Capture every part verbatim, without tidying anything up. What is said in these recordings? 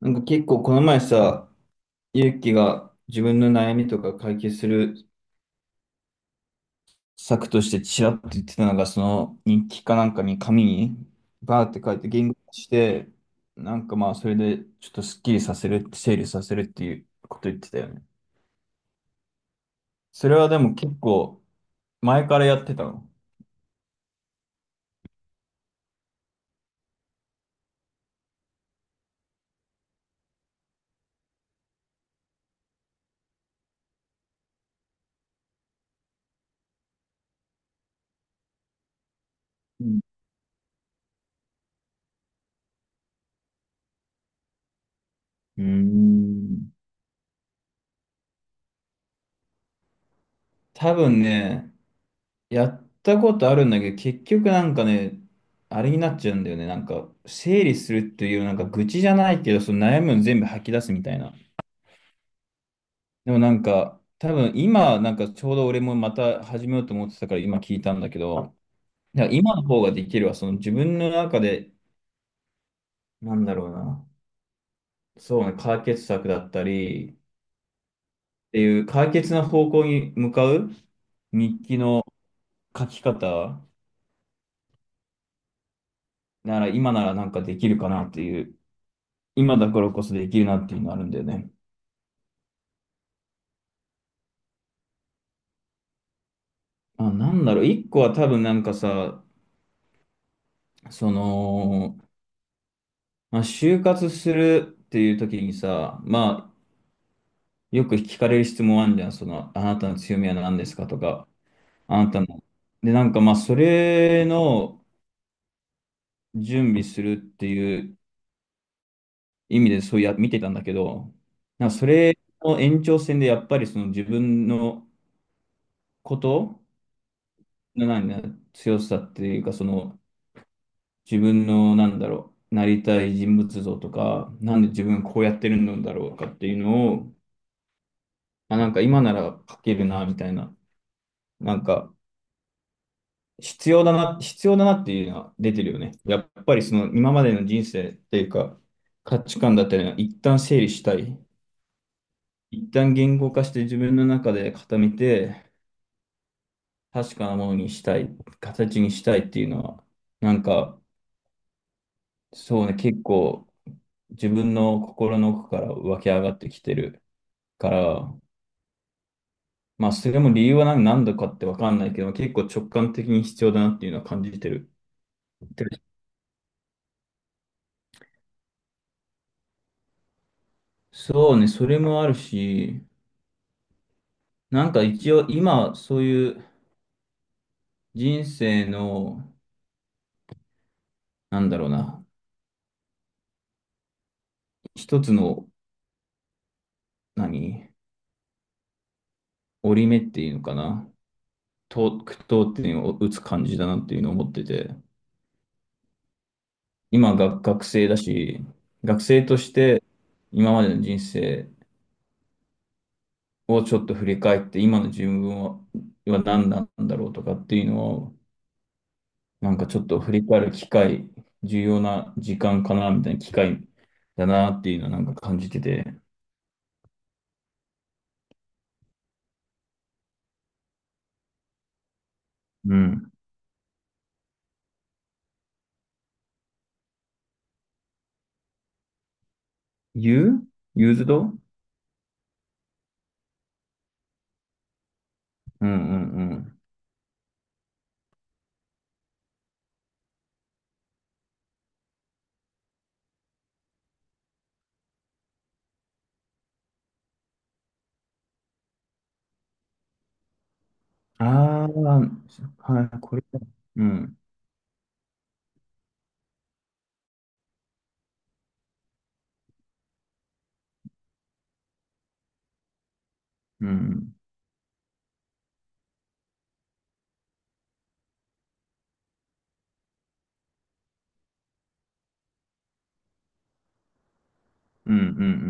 なんか結構この前さ、ゆうきが自分の悩みとか解決する策としてちらっと言ってたのが、その日記かなんかに紙にバーって書いて言語化して、なんかまあそれでちょっとスッキリさせる、整理させるっていうこと言ってたよね。それはでも結構前からやってたの。うん。うーん多分ね、やったことあるんだけど、結局なんかね、あれになっちゃうんだよね。なんか、整理するっていう、なんか愚痴じゃないけど、その悩みを全部吐き出すみたいな。でもなんか、多分今、なんかちょうど俺もまた始めようと思ってたから今聞いたんだけど、いや今の方ができるわ。その自分の中で、なんだろうな。そうね、解決策だったり、っていう解決の方向に向かう日記の書き方なら、今ならなんかできるかなっていう。今だからこそできるなっていうのあるんだよね。あ、なんだろう、一個は多分なんかさ、その、まあ、就活するっていう時にさ、まあ、よく聞かれる質問あるじゃん、その、あなたの強みは何ですかとか、あなたの。で、なんかまあ、それの準備するっていう意味でそうや、見てたんだけど、なんかそれの延長線でやっぱりその自分のことの何強さっていうか、その、自分の、なんだろう、なりたい人物像とか、なんで自分こうやってるんだろうかっていうのを、あ、なんか今なら書けるな、みたいな、なんか必要だな、必要だなっていうのは出てるよね。やっぱりその今までの人生っていうか、価値観だったりは一旦整理したい。一旦言語化して自分の中で固めて、確かなものにしたい、形にしたいっていうのは、なんか、そうね、結構自分の心の奥から湧き上がってきてる。から、まあ、それも理由は何なんだかってわかんないけど、結構直感的に必要だなっていうのは感じてる。で、そうね、それもあるし、なんか一応今、そういう人生の、なんだろうな、一つの、何、折り目っていうのかな、と、句読点を打つ感じだなっていうのを思ってて、今が学生だし、学生として今までの人生をちょっと振り返って、今の自分は、は、何なんだろうとかっていうのを、なんかちょっと振り返る機会、重要な時間かな、みたいな機会だなっていうのはなんか感じてて。うん。ユーユーズドうんうんうん。ああ、はい、これだ。うん、うん、うん、う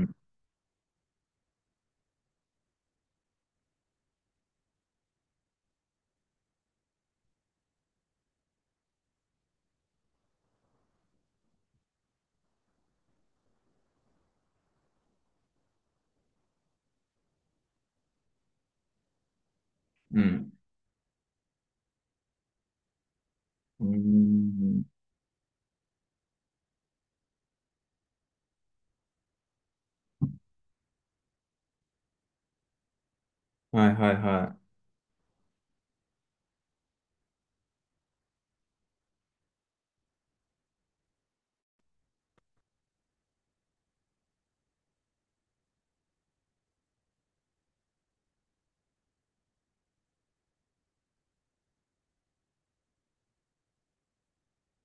ん、うん、うん。うん、はいはいは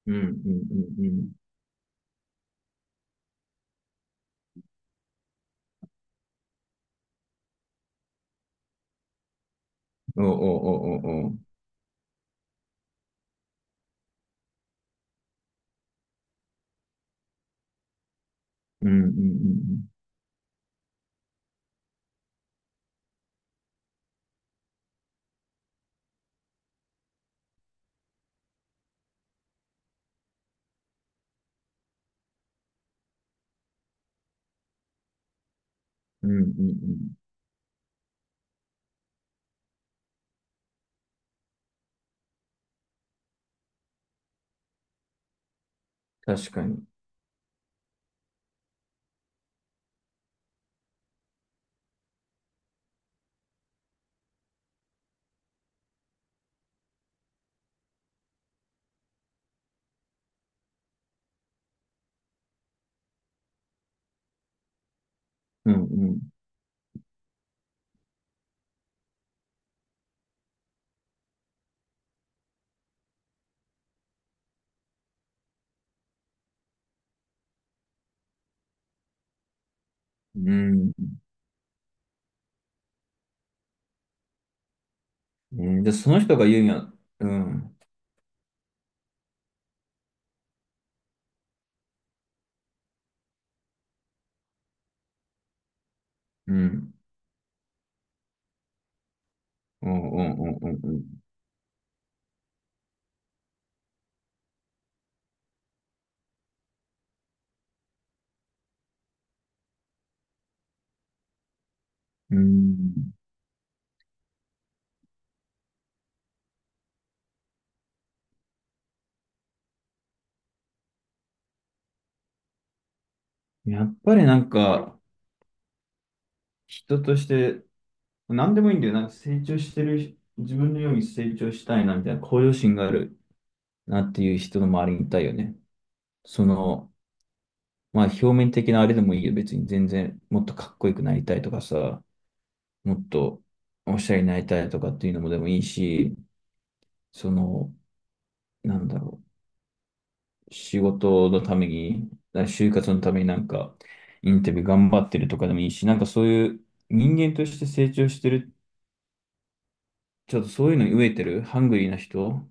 い。うん、うん、うん、うん。おおおおお。うん、うん、うん、うん、うん、うん。うん、確かに。うん、うん、うん。うん、じゃあその人が言うには、うん、うん。うんうんうんうんうん。うん、やっぱりなんか、人として、何でもいいんだよ。なんか成長してる、自分のように成長したいな、みたいな向上心があるなっていう人の周りにいたいよね。その、まあ表面的なあれでもいいよ。別に全然、もっとかっこよくなりたいとかさ、もっとおしゃれになりたいとかっていうのもでもいいし、その、なんだろう。仕事のために、就活のためになんか、インタビュー頑張ってるとかでもいいし、なんかそういう人間として成長してる、ちょっとそういうのに飢えてる、ハングリーな人、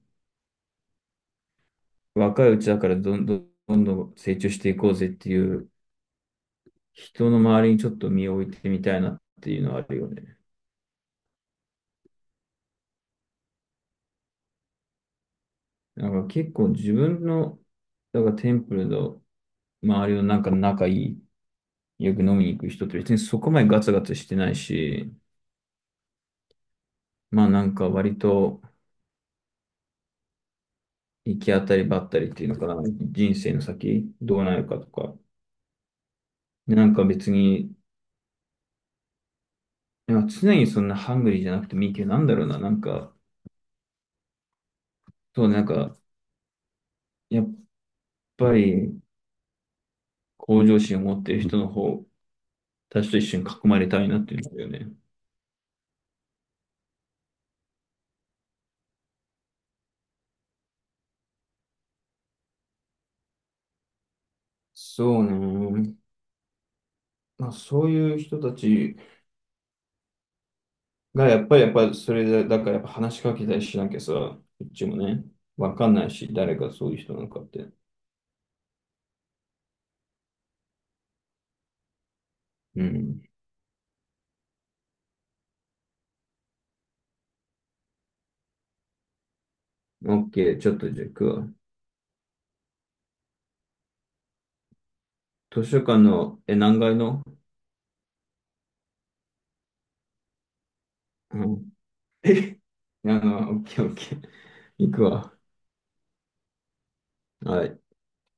若いうちだからどんどんどんどん成長していこうぜっていう人の周りにちょっと身を置いてみたいなっていうのはあるよね。なんか結構自分の、だからテンプルの周りのなんか仲いい、よく飲みに行く人って別にそこまでガツガツしてないし、まあなんか割と、行き当たりばったりっていうのかな、人生の先、どうなるかとか、なんか別に、なんか常にそんなハングリーじゃなくてもいいけど、なんだろうな、なんか、そうね、なんか、やっぱり向上心を持ってる人の方、私と一緒に囲まれたいなっていうんだよね。そうね。まあ、そういう人たちが、やっぱり、やっぱり、それで、だからやっぱ話しかけたりしなきゃさ、こっちもね、わかんないし、誰がそういう人なのかって。うん。オッケー、ちょっとじゃあ行くわ。図書館の、え、何階の？うん。あの、オッケーオッケー。行くわ。はい。